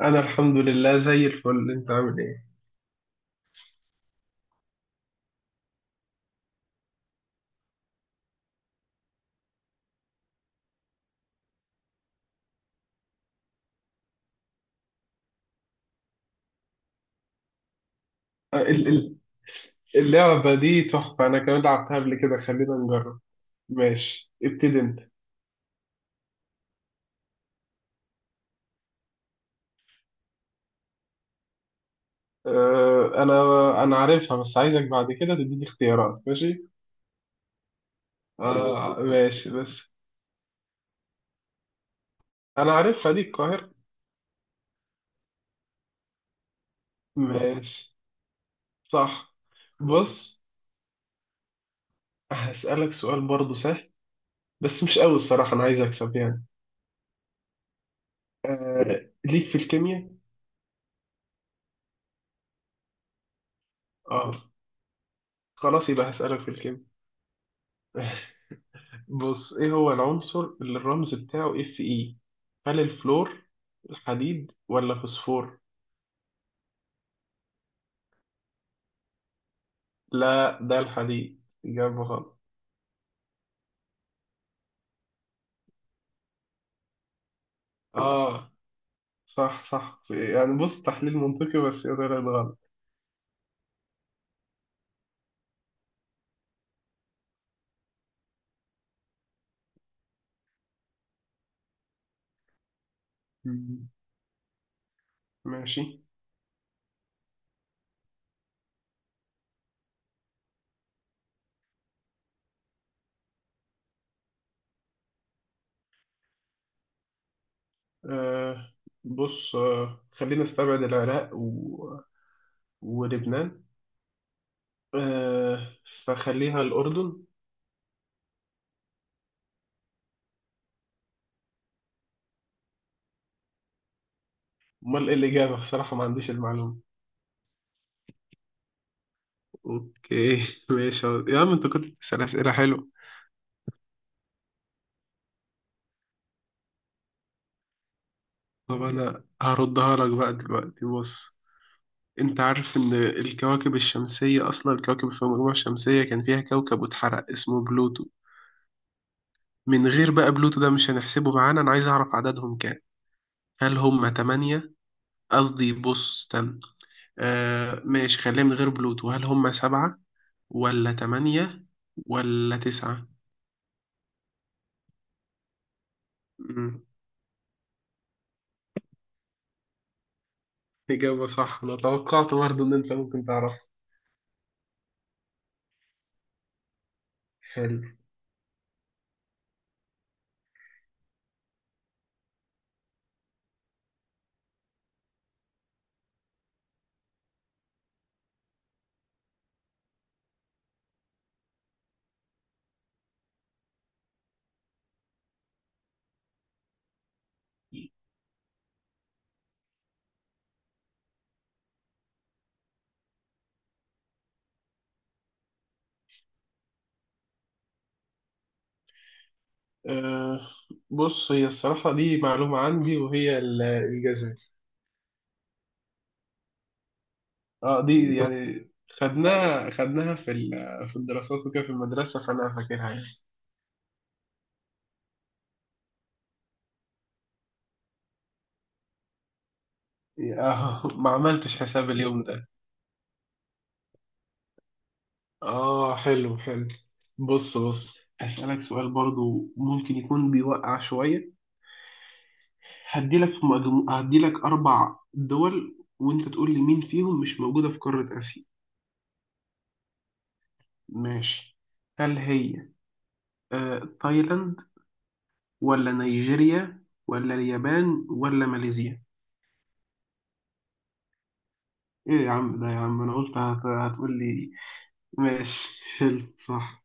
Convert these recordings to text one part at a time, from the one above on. انا الحمد لله زي الفل. انت عامل ايه؟ آه، ال- ال- اللعبة دي تحفة، انا كمان لعبتها قبل كده. خلينا نجرب. ماشي، ابتدي انت. آه، انا انا عارفها، بس عايزك بعد كده تديني اختيارات. ماشي. آه ماشي، بس انا عارفها، دي القاهرة. ماشي. صح. بص، هسألك سؤال برضه سهل، بس مش قوي الصراحة، انا عايز اكسب يعني. آه، ليك في الكيمياء؟ اه، خلاص يبقى هسألك في الكيمياء. بص، ايه هو العنصر اللي الرمز بتاعه اف اي؟ هل الفلور، الحديد ولا فوسفور؟ لا، ده الحديد. إجابة غلط. اه، صح يعني، بص تحليل منطقي، بس هي طلعت غلط. مم. ماشي. آه، بص، آه، خلينا نستبعد العراق و... ولبنان، آه، فخليها الأردن. امال ايه الإجابة؟ بصراحة ما عنديش المعلومة. اوكي ماشي يا عم، انت كنت بتسأل أسئلة حلوة. طب أنا هردها لك بقى دلوقتي. بص، أنت عارف إن الكواكب الشمسية، أصلا الكواكب في المجموعة الشمسية كان فيها كوكب واتحرق اسمه بلوتو. من غير بقى بلوتو، ده مش هنحسبه معانا، أنا عايز أعرف عددهم كام. هل هم تمانية؟ قصدي بص، استنى، آه ماشي، خلينا من غير بلوتو، هل هم سبعة، ولا تمانية، ولا تسعة؟ مم. إجابة صح، أنا توقعت برضه إن أنت ممكن تعرف. حلو. أه، بص، هي الصراحة دي معلومة عندي، وهي الجاذبية. اه، دي يعني خدناها في في الدراسات وكده في المدرسة، فأنا فاكرها. يعني اه ما عملتش حساب اليوم ده. اه، حلو. بص بص، هسألك سؤال برضو ممكن يكون بيوقع شوية. هديلك أربع دول وأنت تقول لي مين فيهم مش موجودة في قارة آسيا. ماشي، هل هي، تايلاند، ولا نيجيريا، ولا اليابان، ولا ماليزيا؟ ايه يا عم ده يا عم، هتقول لي. ماشي، حلو، صح.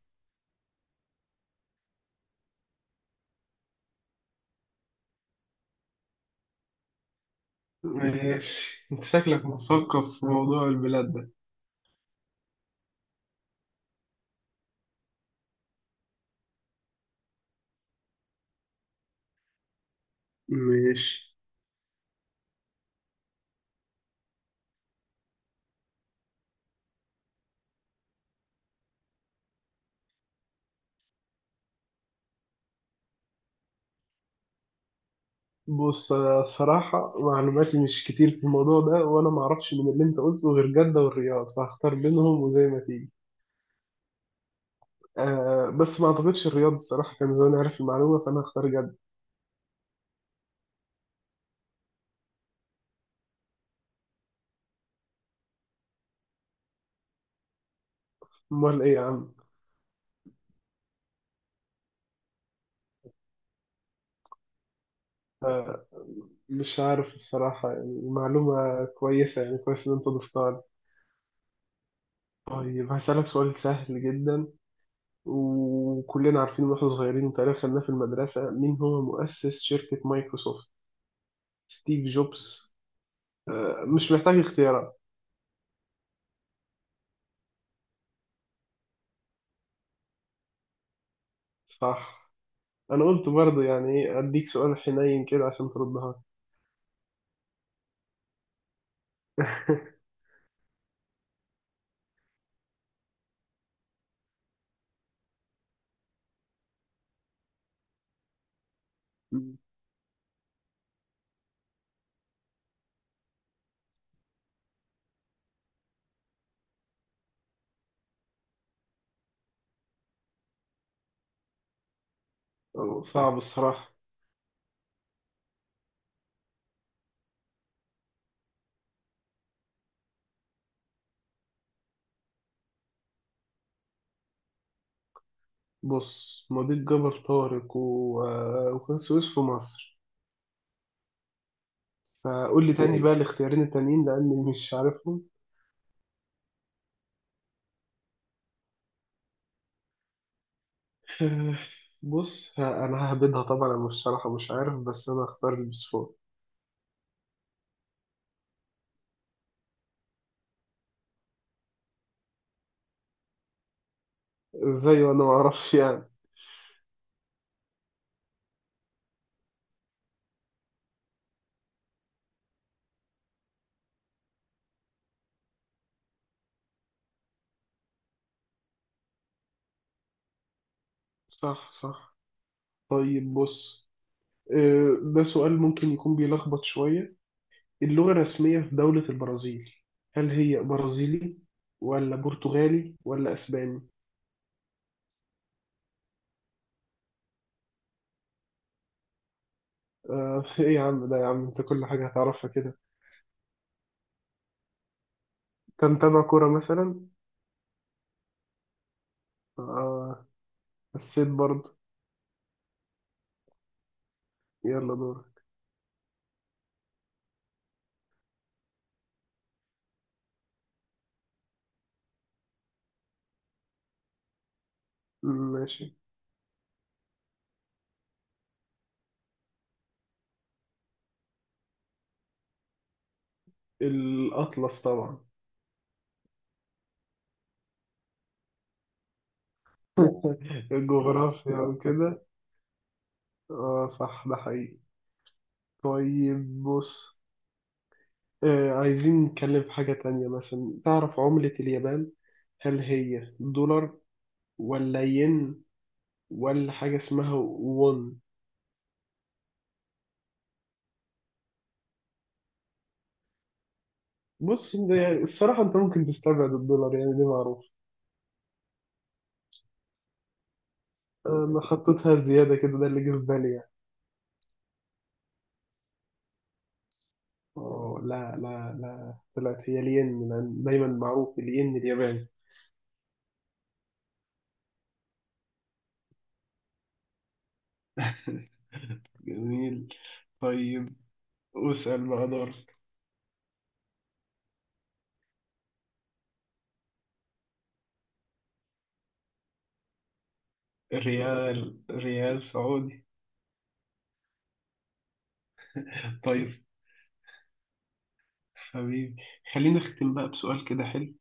ماشي، انت شكلك مثقف في موضوع البلاد ده. ماشي. بص، انا الصراحه معلوماتي مش كتير في الموضوع ده، وانا ما اعرفش من اللي انت قلته غير جده والرياض، فهختار بينهم وزي ما تيجي. آه، بس ما اعتقدش الرياض، الصراحه كان زمان عارف المعلومه، فانا هختار جده. امال ايه يا عم؟ آه، مش عارف الصراحه يعني، معلومه كويسه يعني، كويس ان انت ضفتها لي. طيب هسألك سؤال سهل جدا، وكلنا عارفين واحنا صغيرين وتعرف خدناه في المدرسة. مين هو مؤسس شركة مايكروسوفت؟ ستيف جوبز؟ آه، مش محتاج اختيارات. صح. أنا قلت برضه يعني، إيه، أديك سؤال حنين كده عشان تردها. صعب الصراحة. بص، مضيق جبل طارق و... آه، وقناة السويس في مصر، فقول لي تاني بقى الاختيارين التانيين لأني مش عارفهم. آه، بص، أنا ههبدها طبعا، أنا مش شرحة، مش عارف، بس أنا هختار البسفور. إزاي وأنا معرفش يعني؟ صح. طيب بص، آه، ده سؤال ممكن يكون بيلخبط شوية. اللغة الرسمية في دولة البرازيل، هل هي برازيلي، ولا برتغالي، ولا أسباني؟ آه، إيه يا عم ده يا عم، أنت كل حاجة هتعرفها كده. أنت متابع كورة مثلا؟ آه، حسيت برضه. يلا دور. ماشي. الأطلس طبعا. الجغرافيا وكده، آه صح، ده حقيقي. طيب بص، آه، عايزين نتكلم في حاجة تانية مثلا. تعرف عملة اليابان؟ هل هي دولار، ولا ين، ولا حاجة اسمها وون؟ بص، ده يعني الصراحة انت ممكن تستبعد الدولار يعني، دي معروف. انا حطيتها زيادة كده، ده اللي جه في بالي يعني. اه، لا، طلعت هي الين، لأن دايما معروف الين الياباني. جميل. طيب، واسأل بقى دورك. ريال، ريال سعودي. طيب حبيبي، خلينا نختم بقى بسؤال كده حلو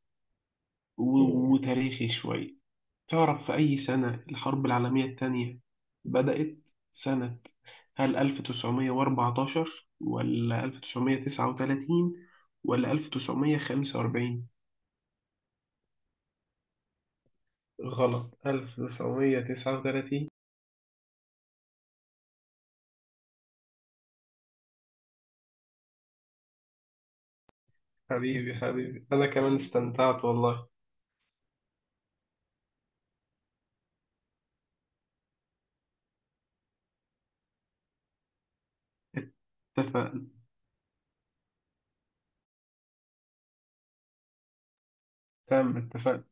وتاريخي شوية. تعرف في أي سنة الحرب العالمية التانية بدأت؟ سنة، هل 1914، ولا 1939، ولا 1945؟ غلط، 1939. حبيبي، أنا كمان استمتعت والله. اتفقنا. تم، اتفقنا.